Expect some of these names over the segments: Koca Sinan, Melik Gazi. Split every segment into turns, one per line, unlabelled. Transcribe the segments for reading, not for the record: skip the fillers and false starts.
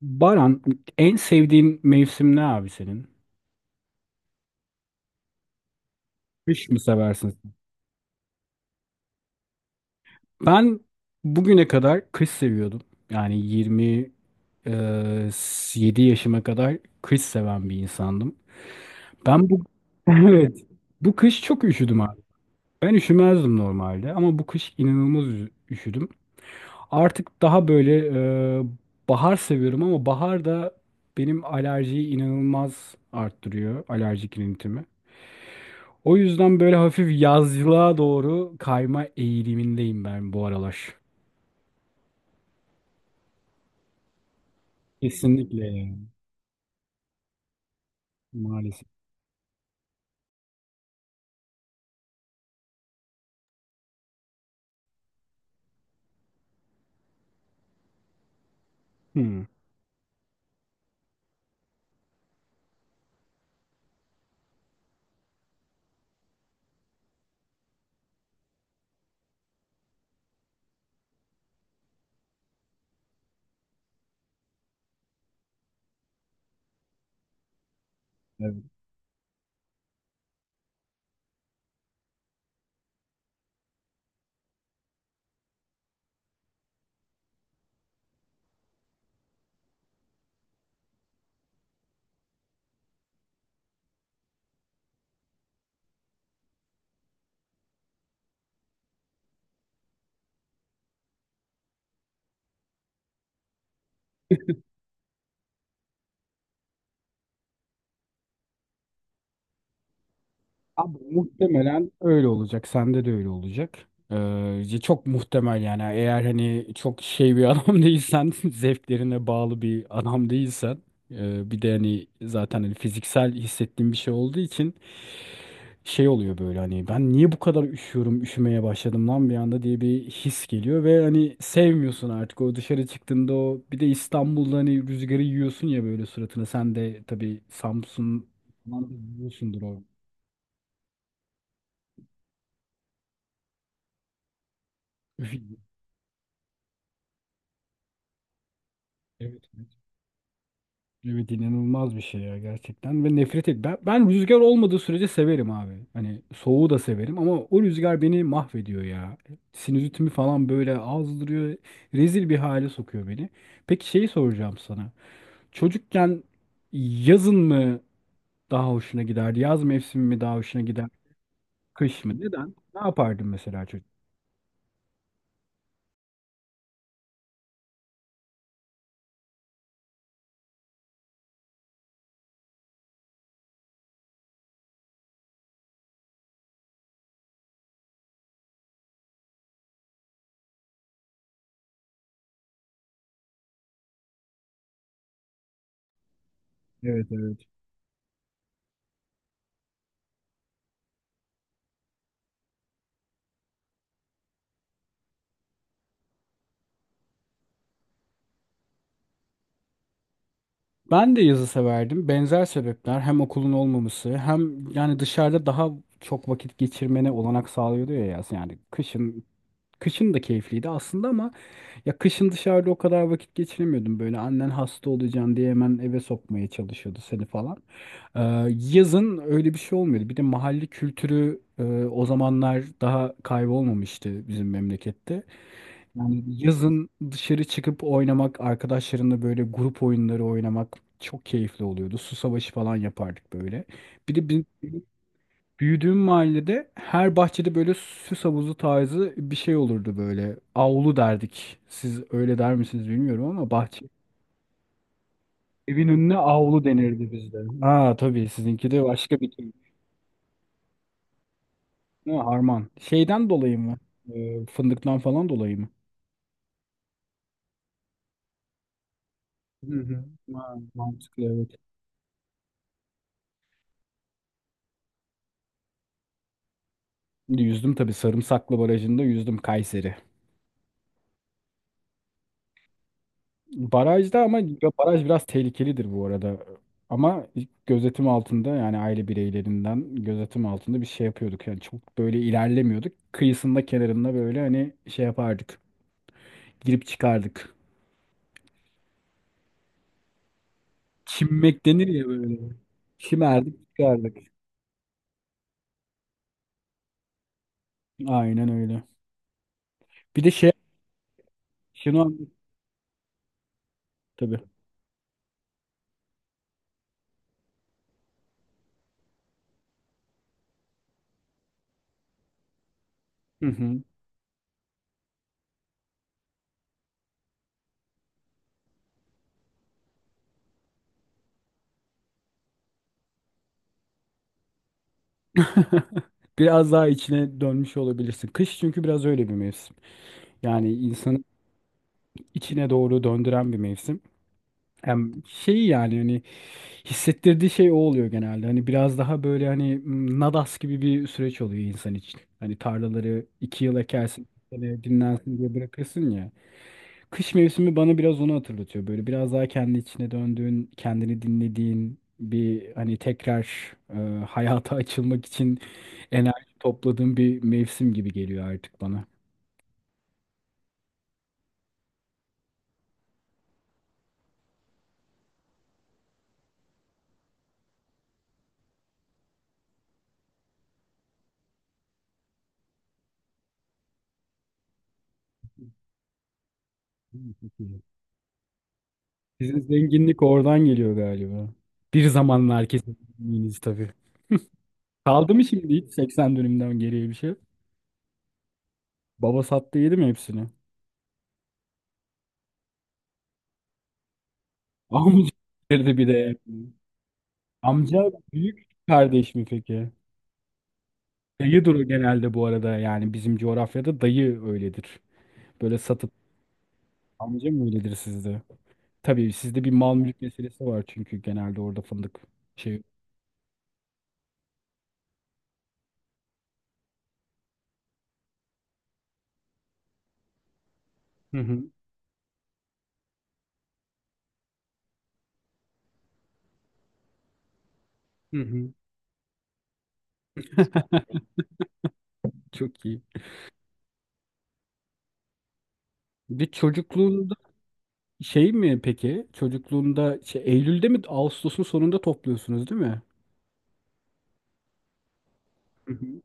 Baran, en sevdiğin mevsim ne abi senin? Kış mı seversin? Ben bugüne kadar kış seviyordum. Yani 27 yaşıma kadar kış seven bir insandım. Ben bu evet bu kış çok üşüdüm abi. Ben üşümezdim normalde ama bu kış inanılmaz üşüdüm. Artık daha böyle e, bahar seviyorum ama bahar da benim alerjiyi inanılmaz arttırıyor. Alerjik rinitimi. O yüzden böyle hafif yazlığa doğru kayma eğilimindeyim ben bu aralar. Kesinlikle yani. Maalesef. Hmm. Abi muhtemelen öyle olacak. Sende de öyle olacak. Çok muhtemel yani. Eğer hani çok şey bir adam değilsen, zevklerine bağlı bir adam değilsen, bir de hani zaten hani fiziksel hissettiğim bir şey olduğu için şey oluyor böyle hani ben niye bu kadar üşüyorum, üşümeye başladım lan bir anda diye bir his geliyor ve hani sevmiyorsun artık o dışarı çıktığında o bir de İstanbul'da hani rüzgarı yiyorsun ya böyle suratına. Sen de tabii Samsun falan da yiyorsundur o evet, evet. Evet inanılmaz bir şey ya gerçekten ve nefret et. Ben rüzgar olmadığı sürece severim abi. Hani soğuğu da severim ama o rüzgar beni mahvediyor ya. Sinüzitimi falan böyle azdırıyor. Rezil bir hale sokuyor beni. Peki şeyi soracağım sana. Çocukken yazın mı daha hoşuna giderdi? Yaz mevsimi mi daha hoşuna gider? Kış mı? Neden? Ne yapardın mesela çocuk? Evet, evet. Ben de yazı severdim. Benzer sebepler hem okulun olmaması hem yani dışarıda daha çok vakit geçirmene olanak sağlıyordu ya yaz. Yani kışın da keyifliydi aslında ama ya kışın dışarıda o kadar vakit geçiremiyordum. Böyle annen hasta olacaksın diye hemen eve sokmaya çalışıyordu seni falan. Ee, Yazın öyle bir şey olmuyordu. Bir de mahalle kültürü o zamanlar daha kaybolmamıştı bizim memlekette. Yani yazın dışarı çıkıp oynamak, arkadaşlarımla böyle grup oyunları oynamak çok keyifli oluyordu. Su savaşı falan yapardık böyle. Bir de büyüdüğüm mahallede her bahçede böyle süs havuzu tarzı bir şey olurdu böyle. Avlu derdik. Siz öyle der misiniz bilmiyorum ama bahçe. Evin önüne avlu denirdi bizde. Ha tabii sizinki de başka bir şey. Ha, harman. Şeyden dolayı mı? Fındıktan falan dolayı mı? Hı hı. Ha, mantıklı evet. Yüzdüm tabii Sarımsaklı Barajı'nda yüzdüm Kayseri. Barajda ama baraj biraz tehlikelidir bu arada. Ama gözetim altında yani aile bireylerinden gözetim altında bir şey yapıyorduk. Yani çok böyle ilerlemiyorduk. Kıyısında kenarında böyle hani şey yapardık. Girip çıkardık. Çimmek denir ya böyle. Çimerdik çıkardık. Aynen öyle. Bir de şey şunu an- tabii. Hı hı. Biraz daha içine dönmüş olabilirsin. Kış çünkü biraz öyle bir mevsim. Yani insanı içine doğru döndüren bir mevsim. Hem şey yani hani hissettirdiği şey o oluyor genelde. Hani biraz daha böyle hani nadas gibi bir süreç oluyor insan için. Hani tarlaları iki yıl ekersin, bir sene dinlensin diye bırakırsın ya. Kış mevsimi bana biraz onu hatırlatıyor. Böyle biraz daha kendi içine döndüğün, kendini dinlediğin bir hani tekrar hayata açılmak için enerji topladığın bir mevsim gibi geliyor artık bana. Sizin zenginlik oradan geliyor galiba. Bir zamanlar kesin zengininiz tabii. Kaldı mı şimdi hiç 80 dönümden geriye bir şey? Baba sattı yedi mi hepsini? Amca getirdi bir de. Amca büyük kardeş mi peki? Dayı duru genelde bu arada yani bizim coğrafyada dayı öyledir. Böyle satıp amca mı öyledir sizde? Tabii sizde bir mal mülk meselesi var çünkü genelde orada fındık şey. Hı hı. Hı hı. Çok iyi. Bir de çocukluğun şey mi peki? Çocukluğunda şey, Eylül'de mi Ağustos'un sonunda topluyorsunuz değil mi? Hı hı.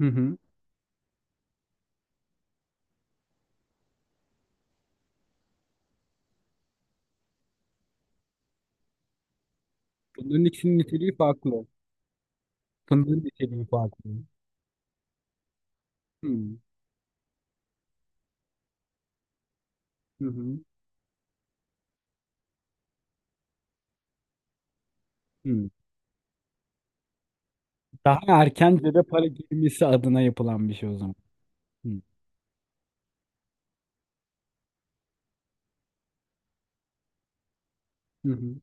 Hı hı. Bunların ikisinin niteliği farklı. Fındığın niteliği farklı. Hı hı. Hı hı. Daha erken cebe para girmesi adına yapılan bir şey o zaman. Hı. Hı hı.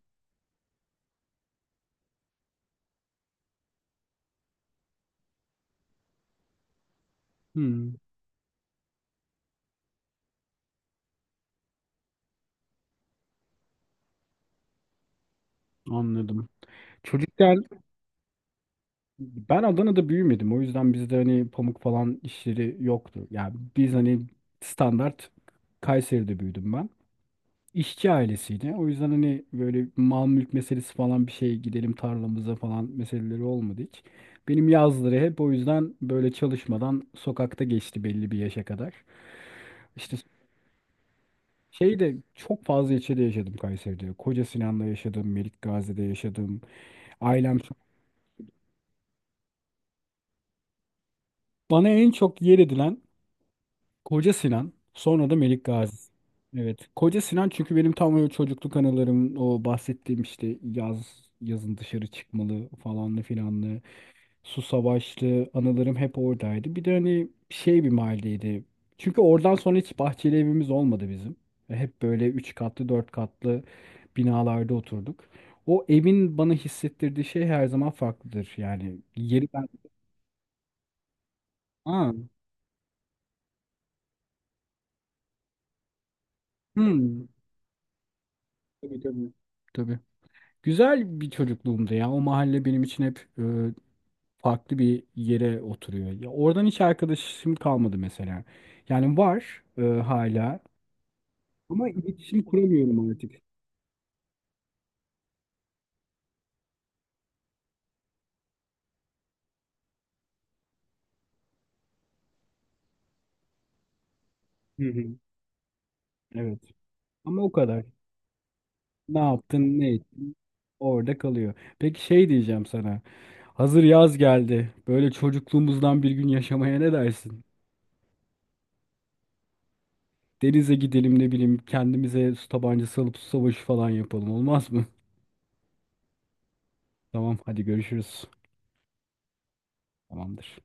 Hı. Anladım. Çocukken ben Adana'da büyümedim. O yüzden bizde hani pamuk falan işleri yoktu. Yani biz hani standart Kayseri'de büyüdüm ben. İşçi ailesiydi. O yüzden hani böyle mal mülk meselesi falan bir şey gidelim tarlamıza falan meseleleri olmadı hiç. Benim yazları hep o yüzden böyle çalışmadan sokakta geçti belli bir yaşa kadar. İşte şey de çok fazla ilçede yaşadım Kayseri'de. Koca Sinan'da yaşadım, Melik Gazi'de yaşadım. Ailem çok- Bana en çok yer edilen Koca Sinan, sonra da Melik Gazi. Evet. Koca Sinan çünkü benim tam o çocukluk anılarım o bahsettiğim işte yaz yazın dışarı çıkmalı falanlı filanlı. Su Savaşlı anılarım hep oradaydı. Bir de hani şey bir mahalleydi. Çünkü oradan sonra hiç bahçeli evimiz olmadı bizim. Ve hep böyle üç katlı, dört katlı binalarda oturduk. O evin bana hissettirdiği şey her zaman farklıdır. Yani yeri ben... Aa, hmm. Tabii tabii. Tabii. Güzel bir çocukluğumdu ya. O mahalle benim için hep farklı bir yere oturuyor. Ya oradan hiç arkadaşım kalmadı mesela. Yani var hala. Ama iletişim kuramıyorum artık. Hı hı. Evet. Ama o kadar. Ne yaptın, ne ettin? Orada kalıyor. Peki şey diyeceğim sana. Hazır yaz geldi. Böyle çocukluğumuzdan bir gün yaşamaya ne dersin? Denize gidelim ne bileyim kendimize su tabancası alıp su savaşı falan yapalım olmaz mı? Tamam hadi görüşürüz. Tamamdır.